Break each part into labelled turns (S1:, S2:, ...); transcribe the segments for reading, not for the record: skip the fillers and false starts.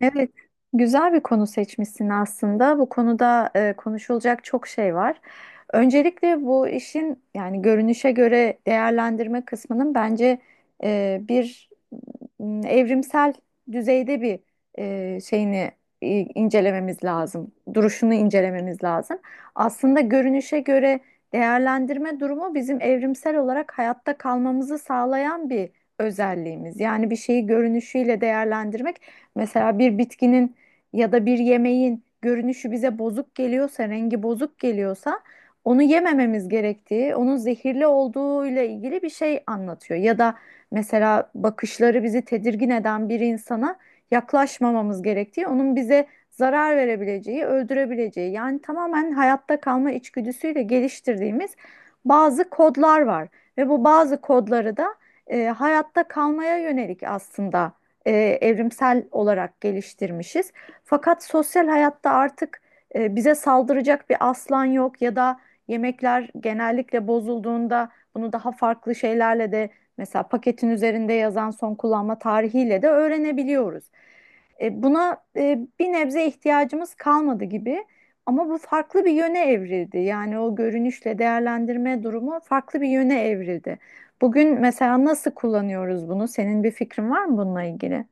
S1: Evet, güzel bir konu seçmişsin aslında. Bu konuda konuşulacak çok şey var. Öncelikle bu işin yani görünüşe göre değerlendirme kısmının bence e, bir evrimsel düzeyde bir şeyini incelememiz lazım. Duruşunu incelememiz lazım. Aslında görünüşe göre değerlendirme durumu bizim evrimsel olarak hayatta kalmamızı sağlayan bir özelliğimiz. Yani bir şeyi görünüşüyle değerlendirmek. Mesela bir bitkinin ya da bir yemeğin görünüşü bize bozuk geliyorsa, rengi bozuk geliyorsa onu yemememiz gerektiği, onun zehirli olduğu ile ilgili bir şey anlatıyor. Ya da mesela bakışları bizi tedirgin eden bir insana yaklaşmamamız gerektiği, onun bize zarar verebileceği, öldürebileceği. Yani tamamen hayatta kalma içgüdüsüyle geliştirdiğimiz bazı kodlar var ve bu bazı kodları da hayatta kalmaya yönelik aslında e, evrimsel olarak geliştirmişiz. Fakat sosyal hayatta artık bize saldıracak bir aslan yok ya da yemekler genellikle bozulduğunda bunu daha farklı şeylerle de mesela paketin üzerinde yazan son kullanma tarihiyle de öğrenebiliyoruz. Buna bir nebze ihtiyacımız kalmadı gibi, ama bu farklı bir yöne evrildi. Yani o görünüşle değerlendirme durumu farklı bir yöne evrildi. Bugün mesela nasıl kullanıyoruz bunu? Senin bir fikrin var mı bununla ilgili?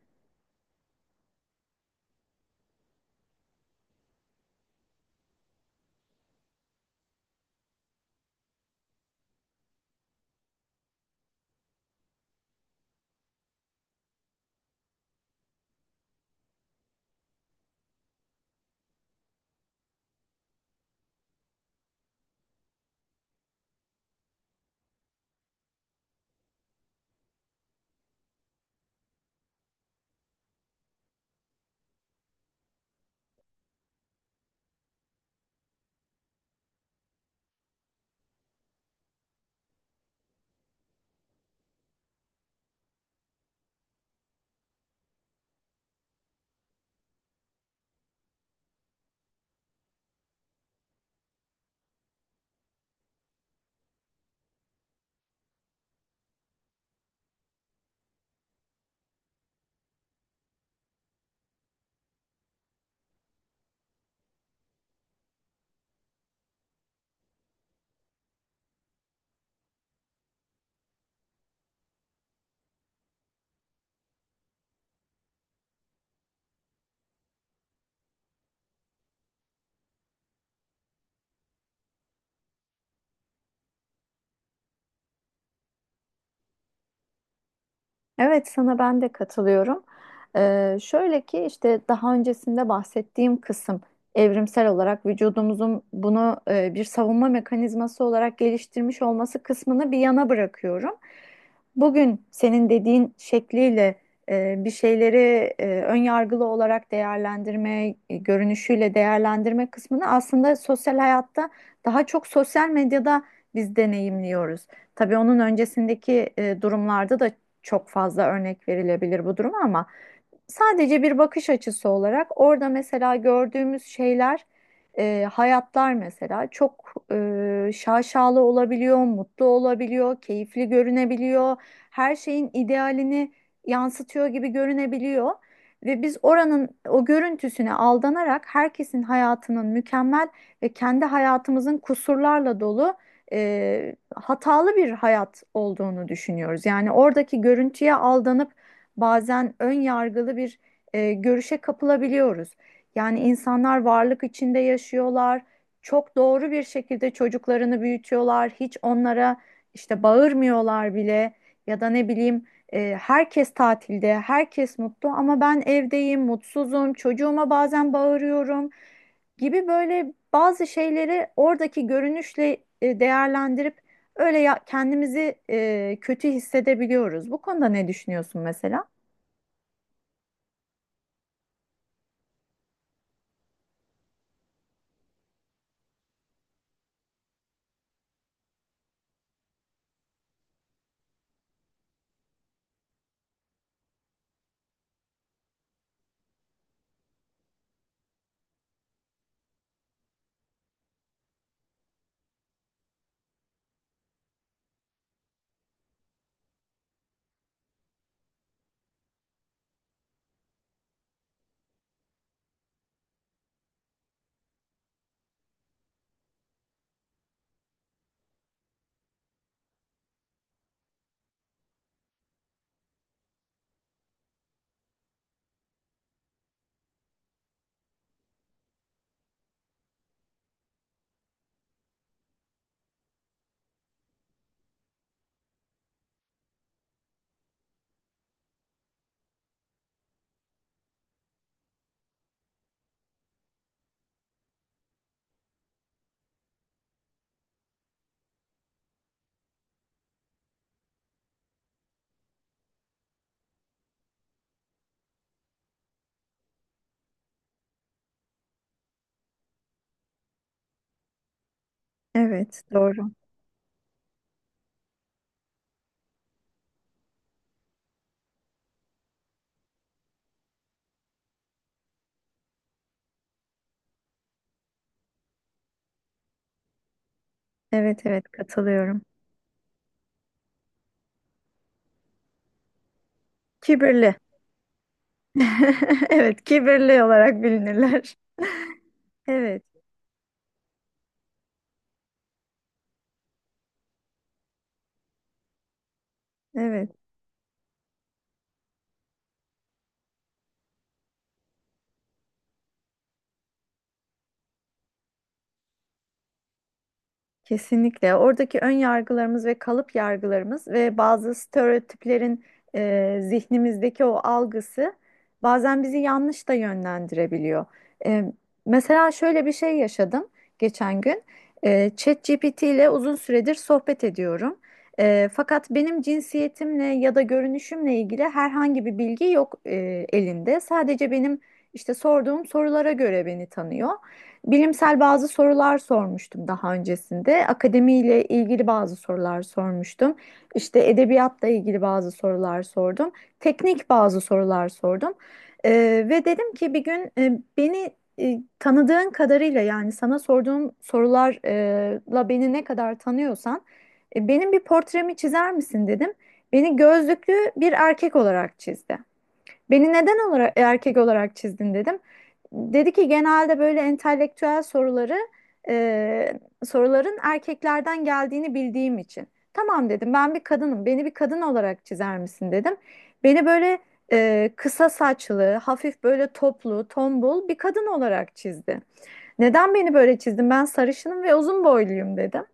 S1: Evet, sana ben de katılıyorum. Şöyle ki işte daha öncesinde bahsettiğim kısım, evrimsel olarak vücudumuzun bunu bir savunma mekanizması olarak geliştirmiş olması kısmını bir yana bırakıyorum. Bugün senin dediğin şekliyle bir şeyleri ön yargılı olarak değerlendirme, görünüşüyle değerlendirme kısmını aslında sosyal hayatta, daha çok sosyal medyada biz deneyimliyoruz. Tabii onun öncesindeki durumlarda da çok fazla örnek verilebilir bu duruma, ama sadece bir bakış açısı olarak orada mesela gördüğümüz şeyler, hayatlar mesela çok şaşalı olabiliyor, mutlu olabiliyor, keyifli görünebiliyor. Her şeyin idealini yansıtıyor gibi görünebiliyor. Ve biz oranın o görüntüsüne aldanarak herkesin hayatının mükemmel ve kendi hayatımızın kusurlarla dolu, hatalı bir hayat olduğunu düşünüyoruz. Yani oradaki görüntüye aldanıp bazen ön yargılı bir görüşe kapılabiliyoruz. Yani insanlar varlık içinde yaşıyorlar. Çok doğru bir şekilde çocuklarını büyütüyorlar. Hiç onlara işte bağırmıyorlar bile, ya da ne bileyim, herkes tatilde, herkes mutlu ama ben evdeyim, mutsuzum, çocuğuma bazen bağırıyorum gibi böyle bazı şeyleri oradaki görünüşle değerlendirip öyle ya, kendimizi kötü hissedebiliyoruz. Bu konuda ne düşünüyorsun mesela? Evet, doğru. Evet, evet, katılıyorum. Kibirli. Evet, kibirli olarak bilinirler. Evet, evet. Kesinlikle. Oradaki ön yargılarımız ve kalıp yargılarımız ve bazı stereotiplerin zihnimizdeki o algısı bazen bizi yanlış da yönlendirebiliyor. E, mesela şöyle bir şey yaşadım geçen gün. E, ChatGPT ile uzun süredir sohbet ediyorum. E, fakat benim cinsiyetimle ya da görünüşümle ilgili herhangi bir bilgi yok elinde. Sadece benim işte sorduğum sorulara göre beni tanıyor. Bilimsel bazı sorular sormuştum daha öncesinde. Akademiyle ilgili bazı sorular sormuştum. İşte edebiyatla ilgili bazı sorular sordum. Teknik bazı sorular sordum. Ve dedim ki bir gün beni tanıdığın kadarıyla, yani sana sorduğum sorularla beni ne kadar tanıyorsan benim bir portremi çizer misin dedim. Beni gözlüklü bir erkek olarak çizdi. Beni neden olarak, erkek olarak çizdin dedim. Dedi ki genelde böyle entelektüel soruları soruların erkeklerden geldiğini bildiğim için. Tamam dedim, ben bir kadınım, beni bir kadın olarak çizer misin dedim. Beni böyle kısa saçlı, hafif böyle toplu, tombul bir kadın olarak çizdi. Neden beni böyle çizdin, ben sarışınım ve uzun boyluyum dedim.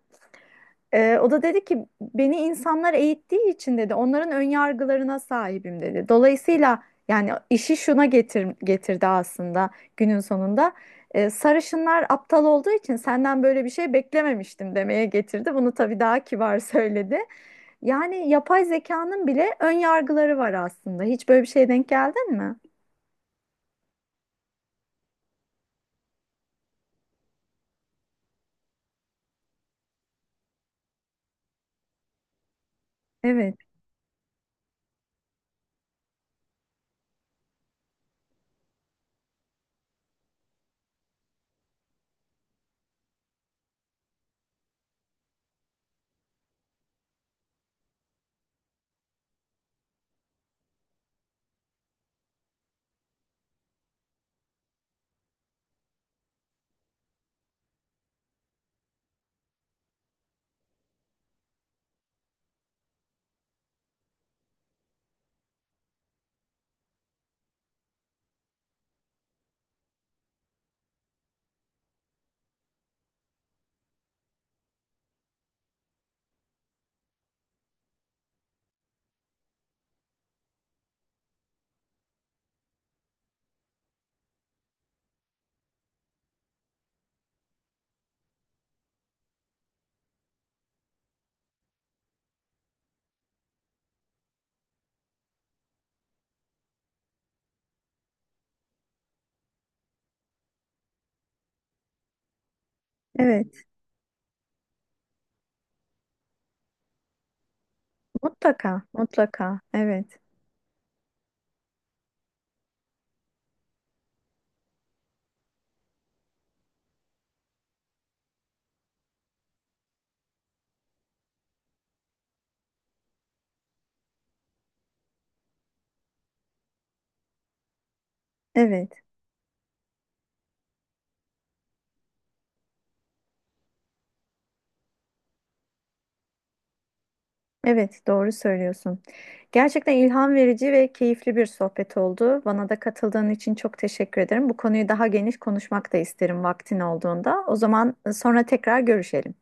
S1: O da dedi ki beni insanlar eğittiği için, dedi, onların ön yargılarına sahibim dedi. Dolayısıyla yani işi şuna getirdi aslında günün sonunda. Sarışınlar aptal olduğu için senden böyle bir şey beklememiştim demeye getirdi. Bunu tabii daha kibar söyledi. Yani yapay zekanın bile ön yargıları var aslında. Hiç böyle bir şeye denk geldin mi? Evet, evet. Mutlaka, mutlaka. Evet, evet. Evet, doğru söylüyorsun. Gerçekten ilham verici ve keyifli bir sohbet oldu. Bana da katıldığın için çok teşekkür ederim. Bu konuyu daha geniş konuşmak da isterim vaktin olduğunda. O zaman sonra tekrar görüşelim.